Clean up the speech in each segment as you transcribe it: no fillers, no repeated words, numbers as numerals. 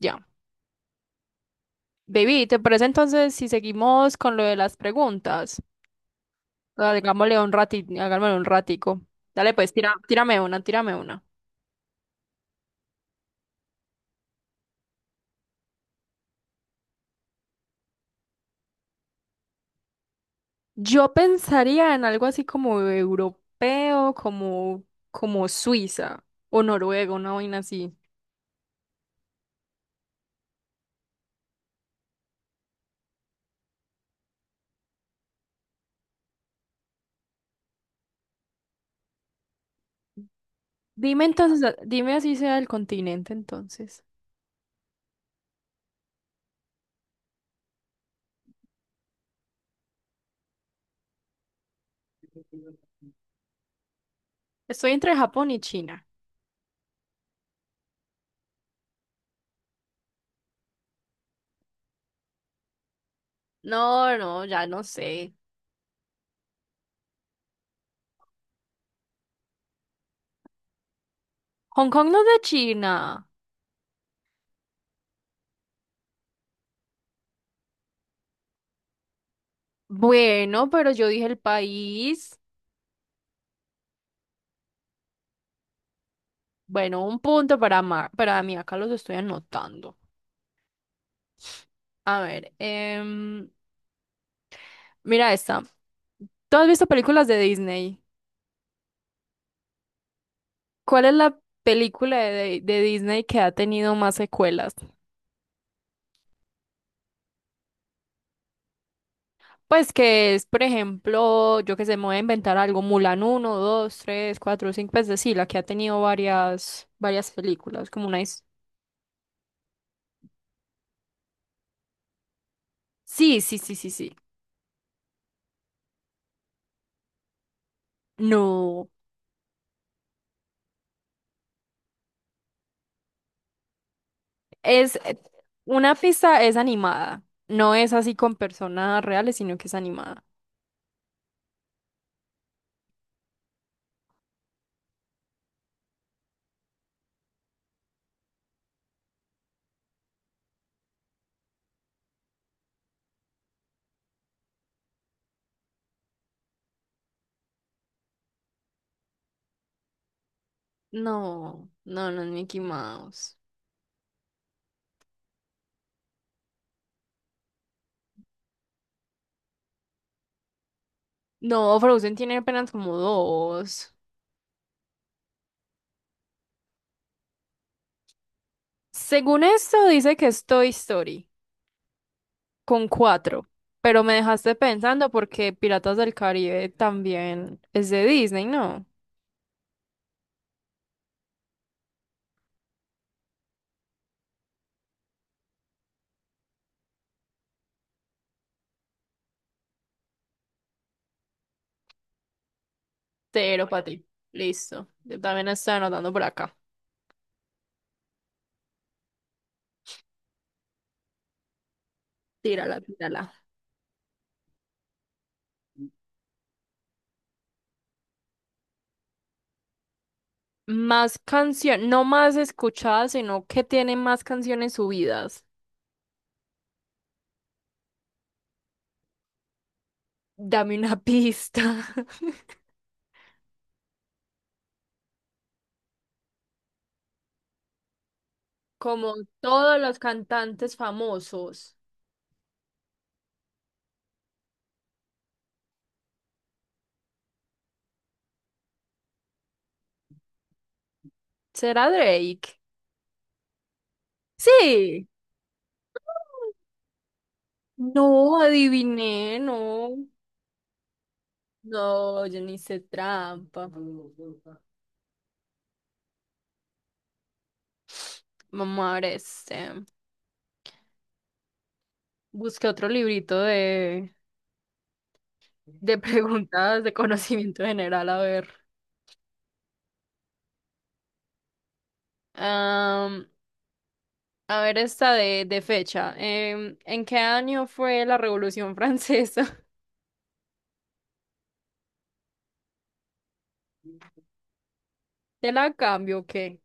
Ya. Baby, ¿te parece entonces si seguimos con lo de las preguntas? Hagámosle un ratito, hagámosle un ratico. Dale, pues, tira, tírame una, tírame una. Yo pensaría en algo así como europeo, como, como Suiza o Noruega, una vaina así. Dime entonces, dime así sea el continente entonces. Estoy entre Japón y China. No, no, ya no sé. Hong Kong no es de China. Bueno, pero yo dije el país. Bueno, un punto para, para mí, acá los estoy anotando. A ver, mira esta. ¿Tú has visto películas de Disney? ¿Cuál es la película de Disney que ha tenido más secuelas? Pues que es, por ejemplo, yo que sé, me voy a inventar algo, Mulan uno, 2, 3, 4, 5. Pues de sí, la que ha tenido varias, varias películas, como una... Sí, sí, sí, sí, sí. No, es... Una pista es animada, no es así con personas reales, sino que es animada. No, no, no es Mickey Mouse. No, Frozen tiene apenas como dos. Según esto, dice que es Toy Story, con cuatro. Pero me dejaste pensando porque Piratas del Caribe también es de Disney, ¿no? Cero para ti. Listo. Yo también estoy anotando por acá. Tírala, tírala. Más canción, no más escuchadas, sino que tiene más canciones subidas. Dame una pista. Como todos los cantantes famosos. ¿Será Drake? Sí. No, adiviné, no. No, yo ni hice trampa. Vamos a ver este. Busqué otro librito de preguntas de conocimiento general, a ver. Am, a ver esta de fecha. ¿En qué año fue la Revolución Francesa? ¿Te la cambio o qué?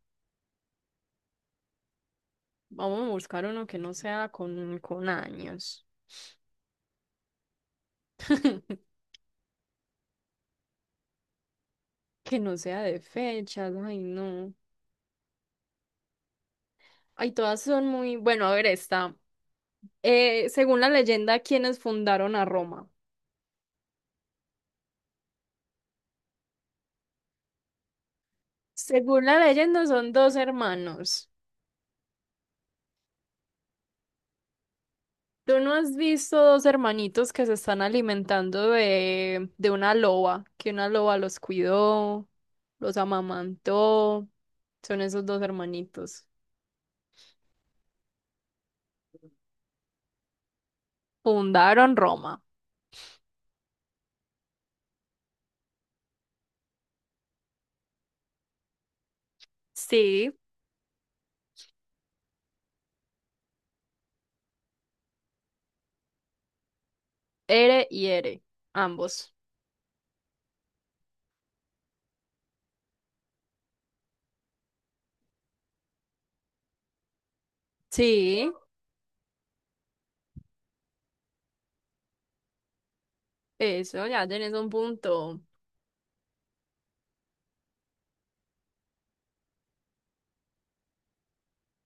Vamos a buscar uno que no sea con años. Que no sea de fechas, ay no. Ay, todas son muy, bueno, a ver esta. Según la leyenda, ¿quiénes fundaron a Roma? Según la leyenda, son dos hermanos. ¿Tú no has visto dos hermanitos que se están alimentando de una loba? Que una loba los cuidó, los amamantó. Son esos dos hermanitos. Fundaron Roma. Sí, Ere y Ere, ambos. Sí, eso, ya tenés un punto.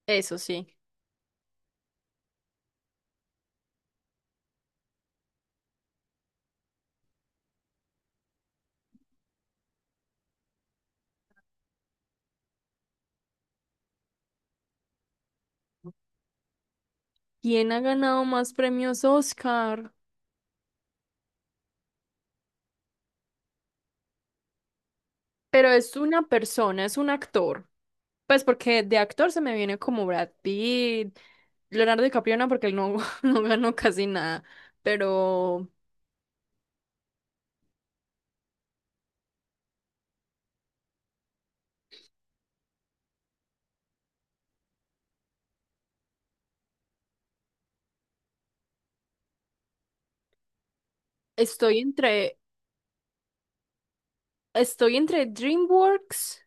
Eso sí. ¿Quién ha ganado más premios Oscar? Pero es una persona, es un actor. Pues porque de actor se me viene como Brad Pitt, Leonardo DiCaprio no, porque él no, no ganó casi nada. Pero estoy entre, estoy entre DreamWorks,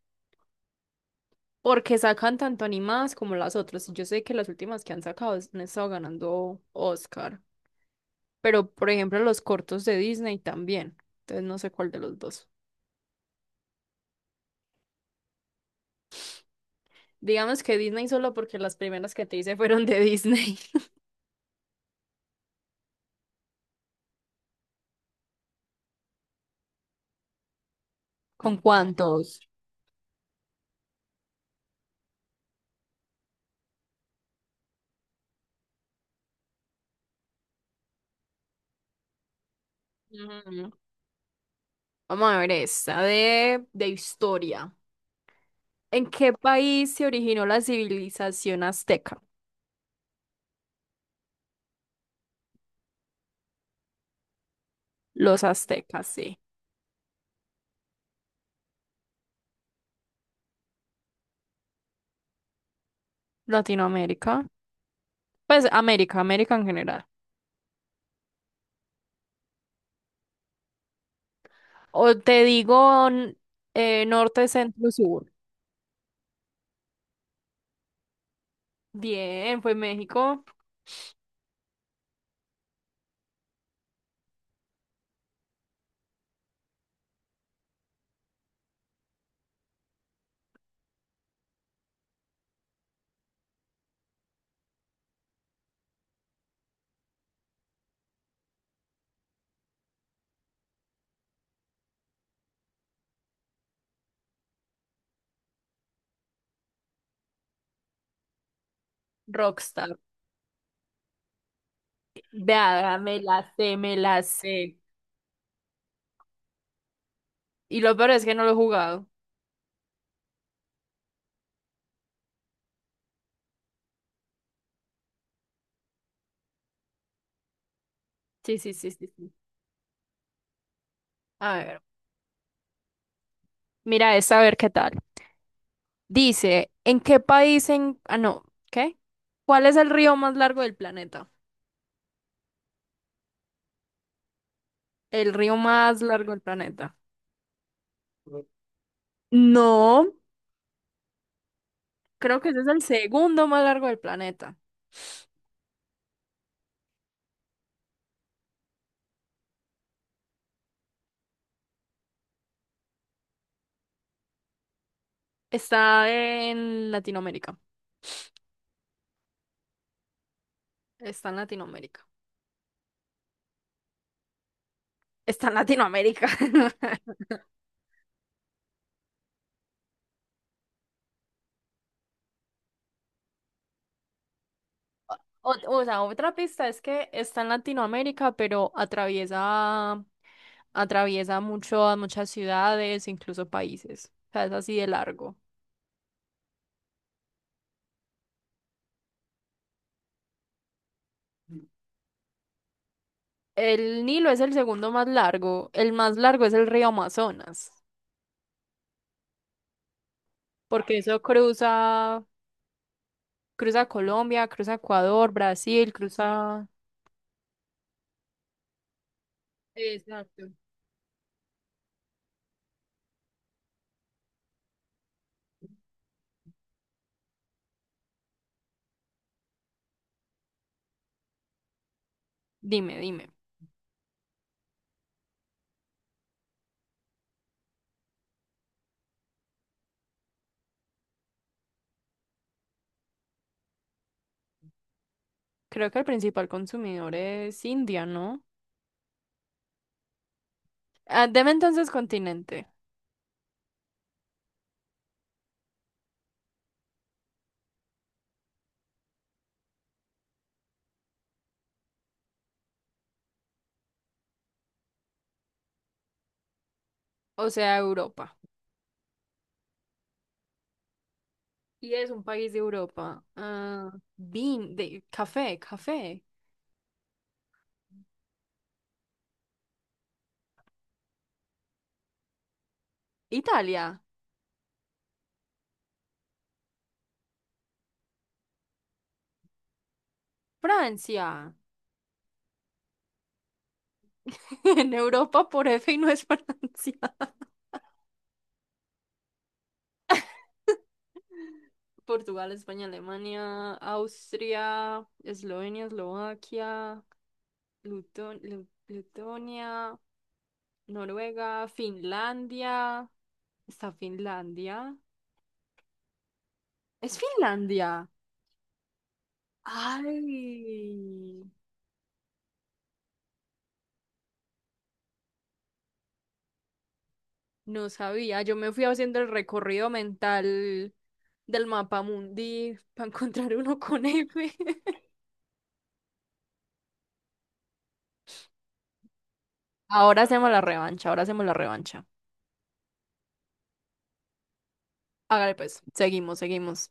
porque sacan tanto animadas como las otras. Y yo sé que las últimas que han sacado han estado ganando Oscar. Pero, por ejemplo, los cortos de Disney también. Entonces no sé cuál de los dos. Digamos que Disney solo porque las primeras que te hice fueron de Disney. ¿Con cuántos? Ujú. Vamos a ver esta de historia. ¿En qué país se originó la civilización azteca? Los aztecas, sí. Latinoamérica. Pues América, América en general. O te digo norte, centro, sur. Bien, fue México. Rockstar. Vea, me la sé, me la sé. Y lo peor es que no lo he jugado. Sí, sí, sí, sí, sí. A ver. Mira, esta a ver qué tal. Dice, ¿en qué país en... Ah, no, ¿qué? ¿Cuál es el río más largo del planeta? El río más largo del planeta. No, creo que ese es el segundo más largo del planeta. Está en Latinoamérica. Está en Latinoamérica. Está en Latinoamérica. O, o sea, otra pista es que está en Latinoamérica, pero atraviesa, atraviesa mucho, muchas ciudades, incluso países. O sea, es así de largo. El Nilo es el segundo más largo. El más largo es el río Amazonas, porque eso cruza, cruza Colombia, cruza Ecuador, Brasil, cruza... Exacto. Dime, dime. Creo que el principal consumidor es India, ¿no? Ah, deme entonces continente, o sea, Europa. Y es un país de Europa. Ah, de café, café. Italia, Francia. En Europa por F y no es Francia. Portugal, España, Alemania, Austria, Eslovenia, Eslovaquia, Letonia, Noruega, Finlandia. ¿Está Finlandia? ¿Es Finlandia? Ay, no sabía. Yo me fui haciendo el recorrido mental del mapa mundi para encontrar uno con F. Ahora hacemos la revancha, ahora hacemos la revancha. Hágale pues, seguimos, seguimos.